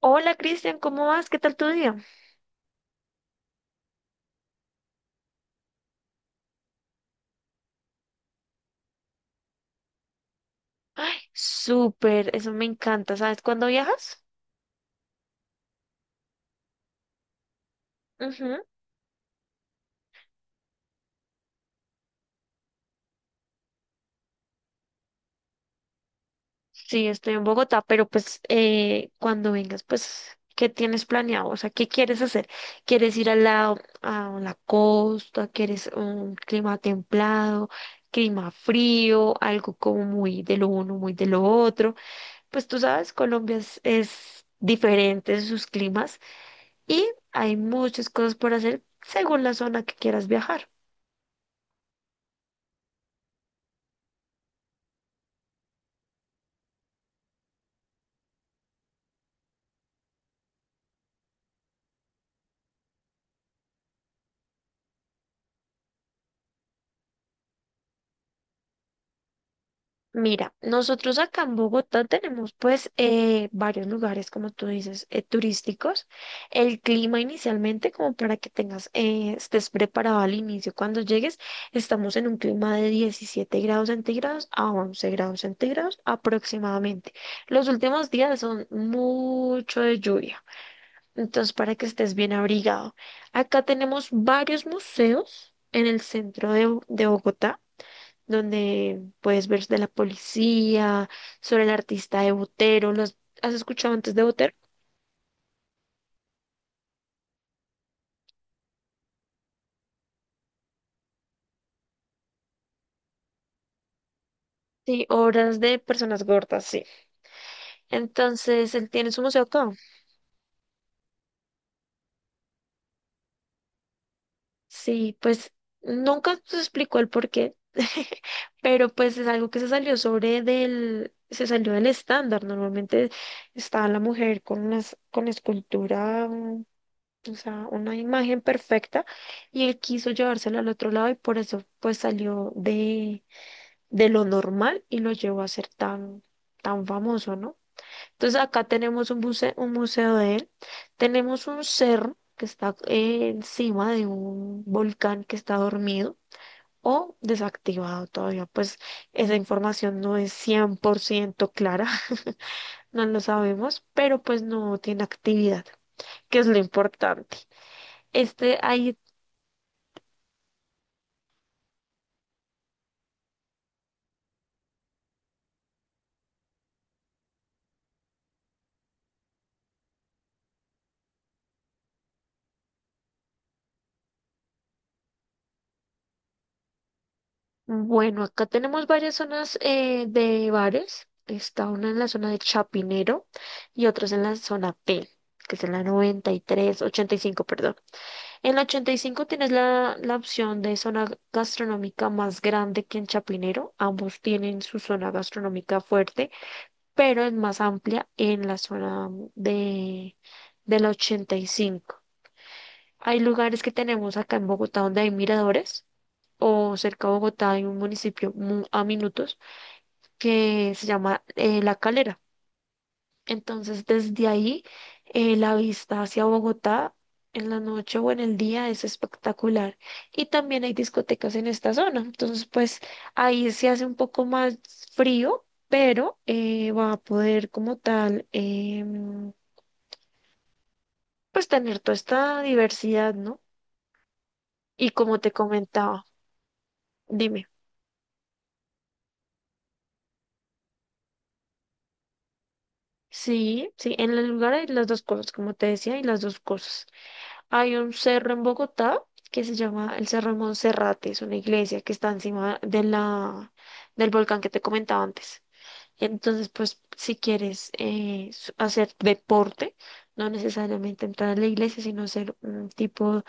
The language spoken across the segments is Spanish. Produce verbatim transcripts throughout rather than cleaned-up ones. Hola Cristian, ¿cómo vas? ¿Qué tal tu día? Ay, súper, eso me encanta. ¿Sabes cuándo viajas? Ujú. Sí, estoy en Bogotá, pero pues eh, cuando vengas, pues, ¿qué tienes planeado? O sea, ¿qué quieres hacer? ¿Quieres ir al lado, a la costa? ¿Quieres un clima templado, clima frío, algo como muy de lo uno, muy de lo otro? Pues tú sabes, Colombia es, es diferente en sus climas y hay muchas cosas por hacer según la zona que quieras viajar. Mira, nosotros acá en Bogotá tenemos pues eh, varios lugares, como tú dices, eh, turísticos. El clima inicialmente, como para que tengas, eh, estés preparado al inicio. Cuando llegues, estamos en un clima de diecisiete grados centígrados a once grados centígrados aproximadamente. Los últimos días son mucho de lluvia, entonces para que estés bien abrigado. Acá tenemos varios museos en el centro de de Bogotá donde puedes ver de la policía, sobre el artista de Botero, ¿los has escuchado antes de Botero? Sí, obras de personas gordas, sí. Entonces, él tiene su museo acá. Sí, pues nunca se explicó el por qué, pero pues es algo que se salió sobre del, se salió del estándar. Normalmente está la mujer con las, con escultura, mm, o sea, una imagen perfecta, y él quiso llevársela al otro lado y por eso pues salió de de lo normal y lo llevó a ser tan, tan famoso, ¿no? Entonces acá tenemos un museo, un museo de él, tenemos un cerro que está eh, encima de un volcán que está dormido o desactivado todavía, pues esa información no es cien por ciento clara, no lo sabemos, pero pues no tiene actividad, que es lo importante. Este, ahí Bueno, acá tenemos varias zonas eh, de bares. Está una en la zona de Chapinero y otras en la zona P, que es en la noventa y tres ochenta y cinco, perdón. En la ochenta y cinco tienes la, la opción de zona gastronómica más grande que en Chapinero. Ambos tienen su zona gastronómica fuerte, pero es más amplia en la zona de, de la ochenta y cinco. Hay lugares que tenemos acá en Bogotá donde hay miradores o cerca de Bogotá hay un municipio mu- a minutos que se llama eh, La Calera. Entonces, desde ahí, eh, la vista hacia Bogotá en la noche o en el día es espectacular. Y también hay discotecas en esta zona. Entonces, pues ahí se hace un poco más frío, pero eh, va a poder como tal, em, pues tener toda esta diversidad, ¿no? Y como te comentaba, dime. Sí, sí, en el lugar hay las dos cosas, como te decía, y las dos cosas. Hay un cerro en Bogotá que se llama el Cerro de Monserrate, es una iglesia que está encima de la, del volcán que te comentaba antes. Entonces, pues si quieres eh, s- hacer deporte, no necesariamente entrar a la iglesia, sino hacer un tipo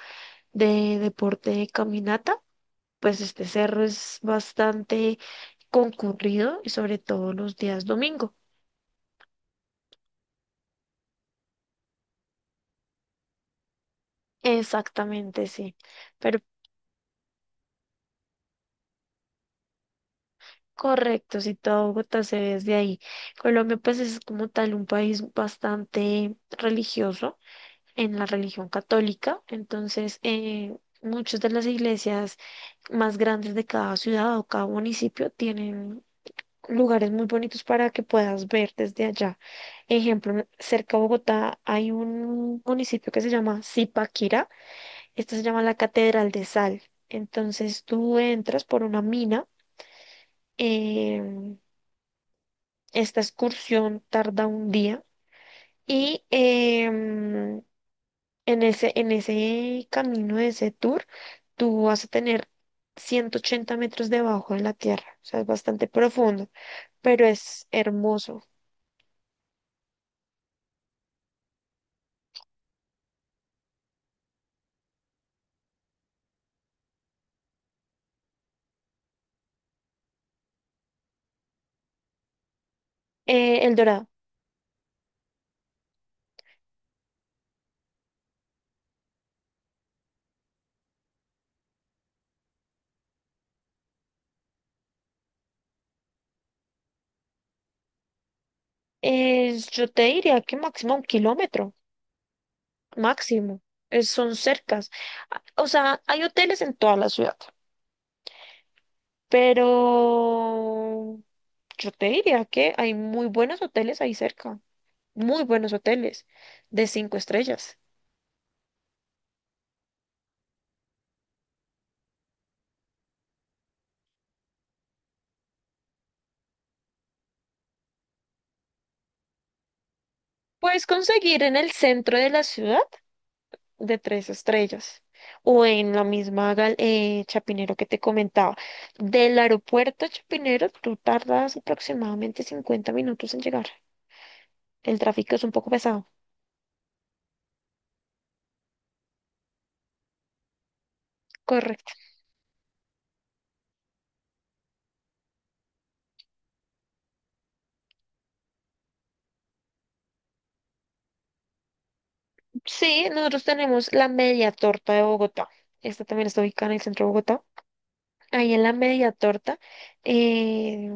de deporte de caminata, pues este cerro es bastante concurrido y sobre todo los días domingo. Exactamente, sí. Pero correcto, si toda Bogotá se ve desde ahí. Colombia, pues es como tal un país bastante religioso en la religión católica, entonces eh, muchas de las iglesias más grandes de cada ciudad o cada municipio tienen lugares muy bonitos para que puedas ver desde allá. Ejemplo, cerca de Bogotá hay un municipio que se llama Zipaquirá, esta se llama la Catedral de Sal. Entonces tú entras por una mina. em, Esta excursión tarda un día y em, en ese, en ese camino, de ese tour, tú vas a tener ciento ochenta metros debajo de la tierra, o sea, es bastante profundo, pero es hermoso. Eh, El Dorado, es- yo te diría que máximo un kilómetro, máximo, es- son cercas. Ah, o sea, hay hoteles en toda la ciudad, pero yo te diría que hay muy buenos hoteles ahí cerca. Muy buenos hoteles de cinco estrellas. Puedes conseguir en el centro de la ciudad de tres estrellas o en la misma gal- eh, Chapinero que te comentaba. Del aeropuerto a Chapinero tú tardas aproximadamente cincuenta minutos en llegar. El tráfico es un poco pesado. Correcto. Sí, nosotros tenemos la media torta de Bogotá. Esta también está ubicada en el centro de Bogotá. Ahí en la media torta eh,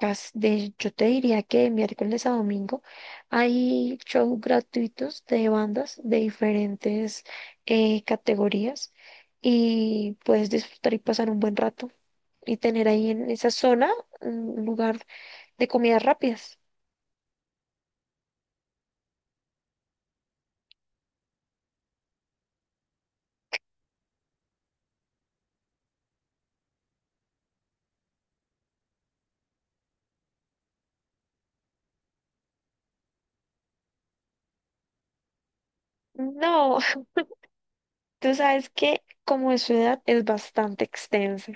cas- de- yo te diría que miércoles a domingo hay shows gratuitos de bandas de diferentes eh, categorías y puedes disfrutar y pasar un buen rato y tener ahí en esa zona un lugar de comidas rápidas. No, tú sabes que como es ciudad es bastante extensa.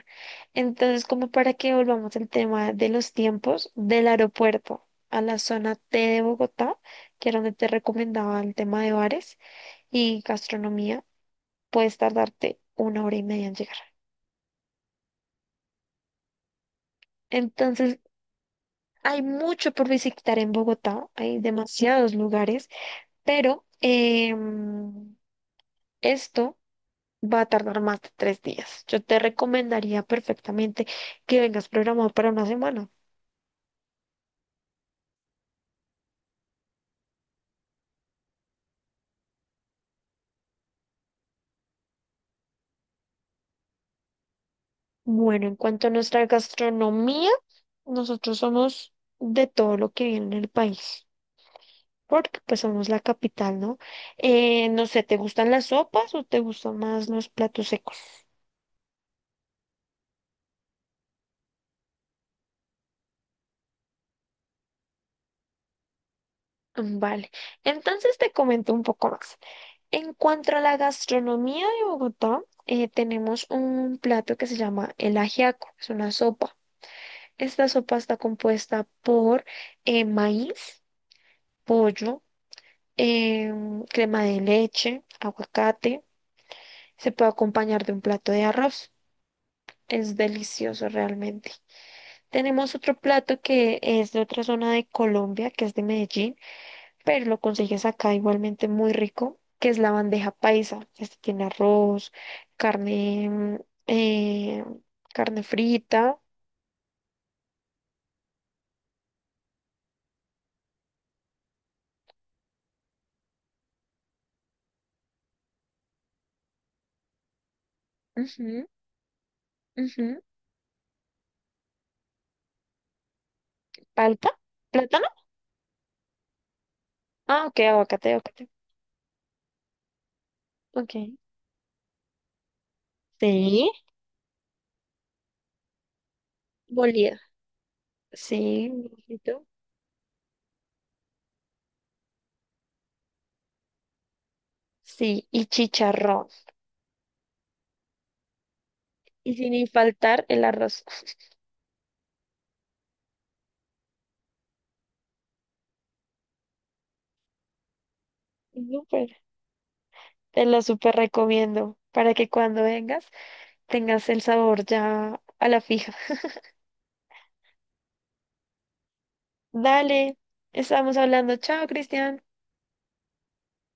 Entonces, como para que volvamos al tema de los tiempos del aeropuerto a la zona T de Bogotá, que era donde te recomendaba el tema de bares y gastronomía, puedes tardarte una hora y media en llegar. Entonces, hay mucho por visitar en Bogotá, hay demasiados lugares, pero em, esto va a tardar más de tres días. Yo te recomendaría perfectamente que vengas programado para una semana. Bueno, en cuanto a nuestra gastronomía, nosotros somos de todo lo que viene en el país, porque pues somos la capital, ¿no? Eh, no sé, ¿te gustan las sopas o te gustan más los platos secos? Mm, vale, entonces te comento un poco más. En cuanto a la gastronomía de Bogotá, eh, tenemos un plato que se llama el ajiaco, es una sopa. Esta sopa está compuesta por eh, maíz, pollo, em, crema de leche, aguacate. Se puede acompañar de un plato de arroz. Es delicioso realmente. Tenemos otro plato que es de otra zona de Colombia, que es de Medellín, pero lo consigues acá igualmente muy rico, que es la bandeja paisa. Este tiene arroz, carne, mm, eh, carne frita, ujú, ujú, palta, plátano. Ah, ok, aguacate, aguacate. Ok. Sí, molida. Sí, un poquito. Sí, y chicharrón. Y sin faltar el arroz. Súper. Te lo súper recomiendo para que cuando vengas tengas el sabor ya a la fija. Dale, estamos hablando. Chao, Cristian.